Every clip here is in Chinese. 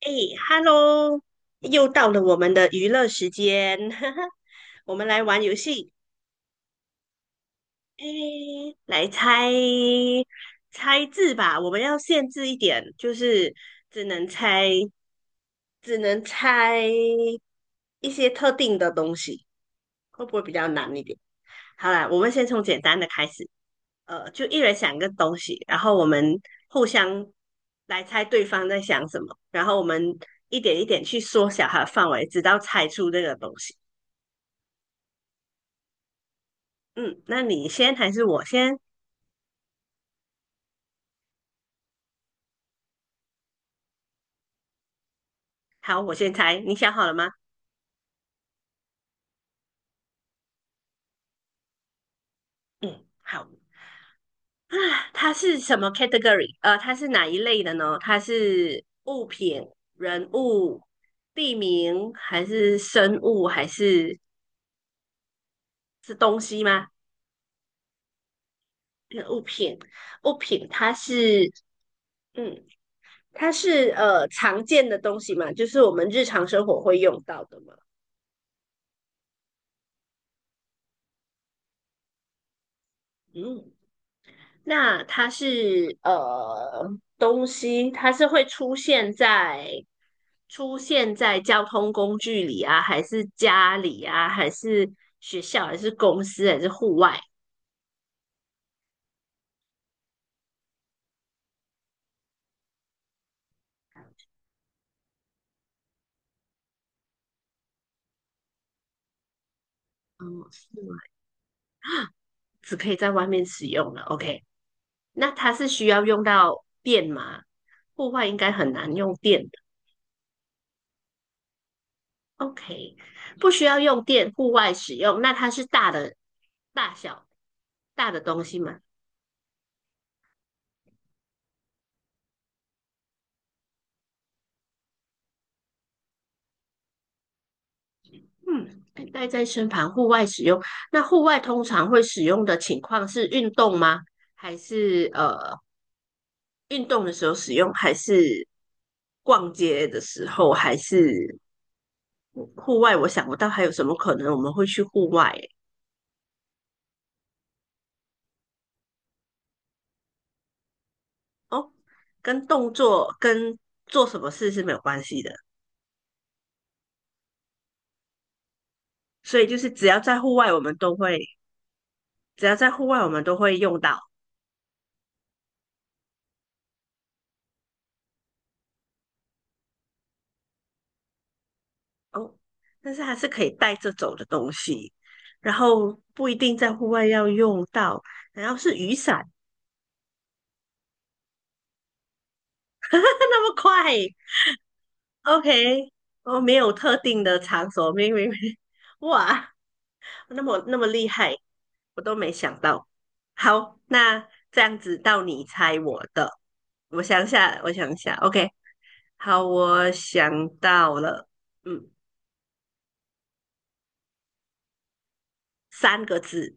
哎，Hello，又到了我们的娱乐时间，我们来玩游戏。哎，来猜猜字吧，我们要限制一点，就是只能猜，只能猜一些特定的东西，会不会比较难一点？好啦，我们先从简单的开始。就一人想一个东西，然后我们互相来猜对方在想什么，然后我们一点一点去缩小它的范围，直到猜出这个东西。嗯，那你先还是我先？好，我先猜。你想好了吗？嗯，好。啊，它是什么 category？它是哪一类的呢？它是物品、人物、地名，还是生物，还是东西吗？那个物品，物品它是，嗯，它是常见的东西嘛，就是我们日常生活会用到的嘛。嗯，那它是东西，它是会出现在交通工具里啊，还是家里啊，还是学校，还是公司，还是户外？嗯，是吗，只可以在外面使用了。OK,那它是需要用到电吗？户外应该很难用电。 OK,不需要用电，户外使用。那它是大小、大的东西吗？嗯，带在身旁，户外使用。那户外通常会使用的情况是运动吗？还是运动的时候使用？还是逛街的时候？还是户外？我想不到还有什么可能我们会去户外欸。哦，跟动作跟做什么事是没有关系的。所以就是只要在户外，我们都会用到。哦，但是还是可以带着走的东西，然后不一定在户外要用到，然后是雨伞，那么快，OK,哦，没有特定的场所，没没没，哇，那么厉害，我都没想到。好，那这样子到你猜我的，我想下,OK,好，我想到了，嗯，三个字，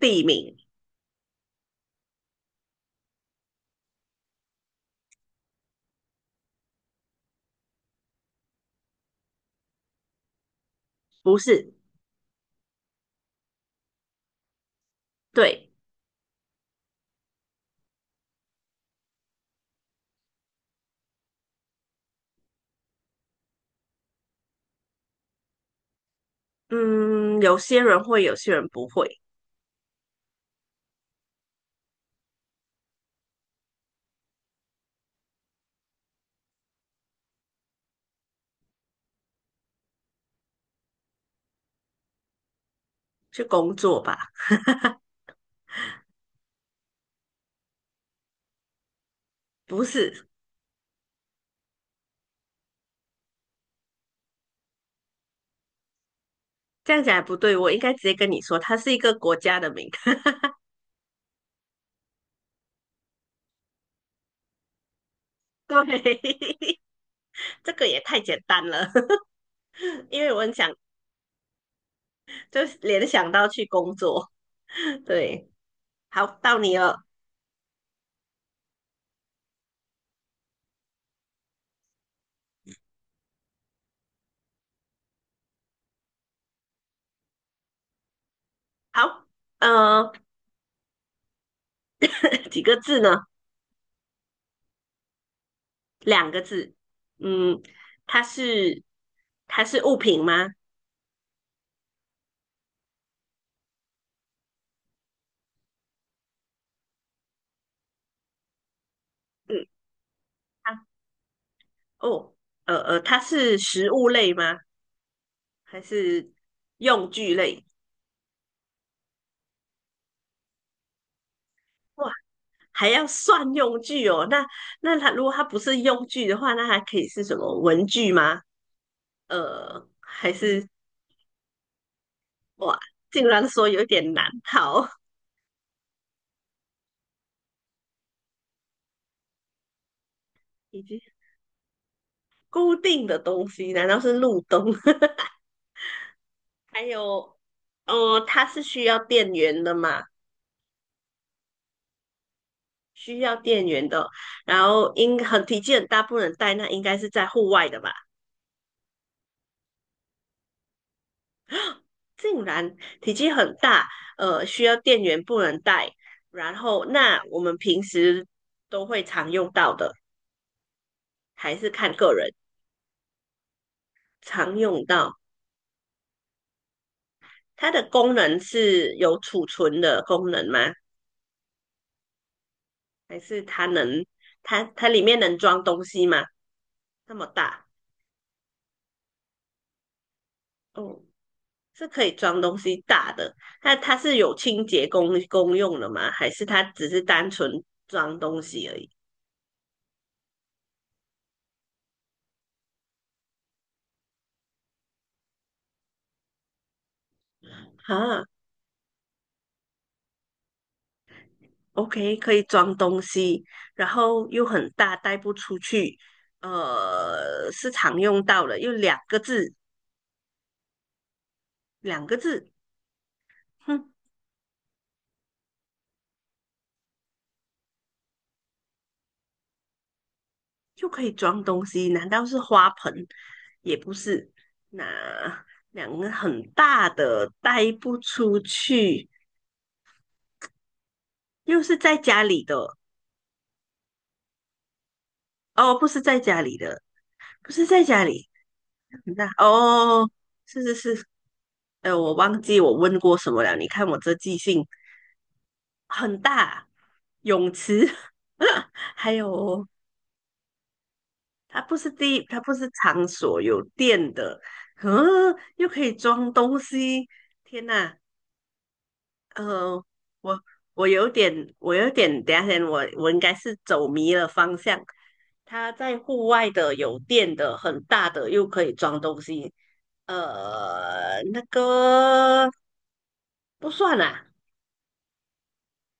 地名，不是，对。嗯，有些人会，有些人不会，去工作吧。不是，这样讲也不对，我应该直接跟你说，它是一个国家的名。对，这个也太简单了，因为我很想就联想到去工作。对，好，到你了。好，呃，几个字呢？两个字。嗯，它是它是物品吗？嗯，它哦，它是食物类吗？还是用具类？哇，还要算用具哦。那它如果它不是用具的话，那还可以是什么文具吗？呃，还是哇，竟然说有点难。好，以及固定的东西，难道是路灯？还有，它是需要电源的嘛？需要电源的哦。然后体积很大，不能带，那应该是在户外的吧？竟然体积很大，需要电源不能带，然后那我们平时都会常用到的，还是看个人常用到。它的功能是有储存的功能吗？还是它里面能装东西吗？那么大，哦，是可以装东西大的。那它是有清洁功用的吗？还是它只是单纯装东西而已？哈。OK,可以装东西，然后又很大，带不出去，是常用到的，又两个字,哼，又可以装东西，难道是花盆？也不是，那两个很大的，带不出去，又是在家里的，哦，不是在家里的，不是在家里，很大，哦，是是是，我忘记我问过什么了，你看我这记性。很大泳池，还有它不是场所，有电的，嗯，又可以装东西，天哪，呃，我我有点，等一下先，我应该是走迷了方向。它在户外的，有电的，很大的，又可以装东西，那个不算啦，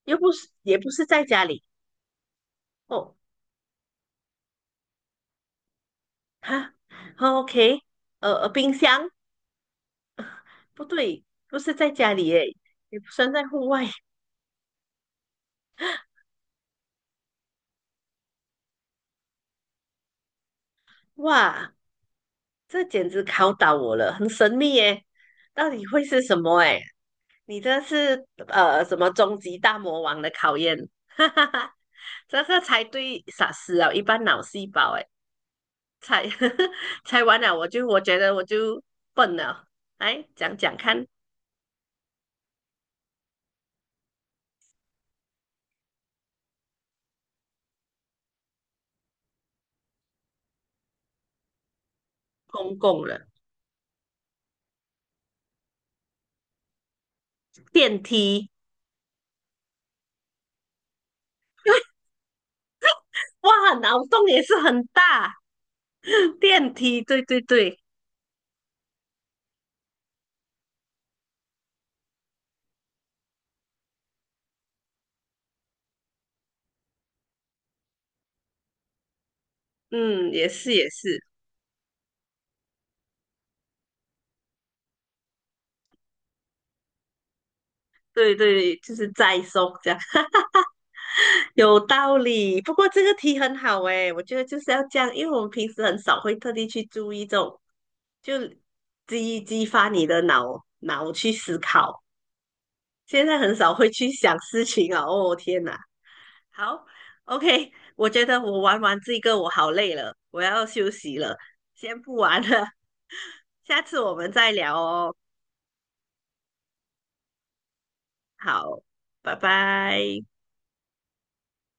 又不是，也不是在家里。哦，哈哦，OK,冰箱不对，不是在家里耶，也不算在户外。哇，这简直考倒我了，很神秘耶，到底会是什么？哎，你这是什么终极大魔王的考验？哈哈哈，这个猜对傻死了，一般脑细胞哎，猜 猜完了，我觉得我就笨了。来讲讲看，公共了，电梯，哇，脑洞也是很大。电梯，对对对，嗯，也是也是，对对，就是再松这样，有道理。不过这个题很好诶，我觉得就是要这样，因为我们平时很少会特地去注意这种，就激发你的脑去思考。现在很少会去想事情啊，哦天哪，好，OK,我觉得我玩完这个我好累了，我要休息了，先不玩了，下次我们再聊哦。好，拜拜。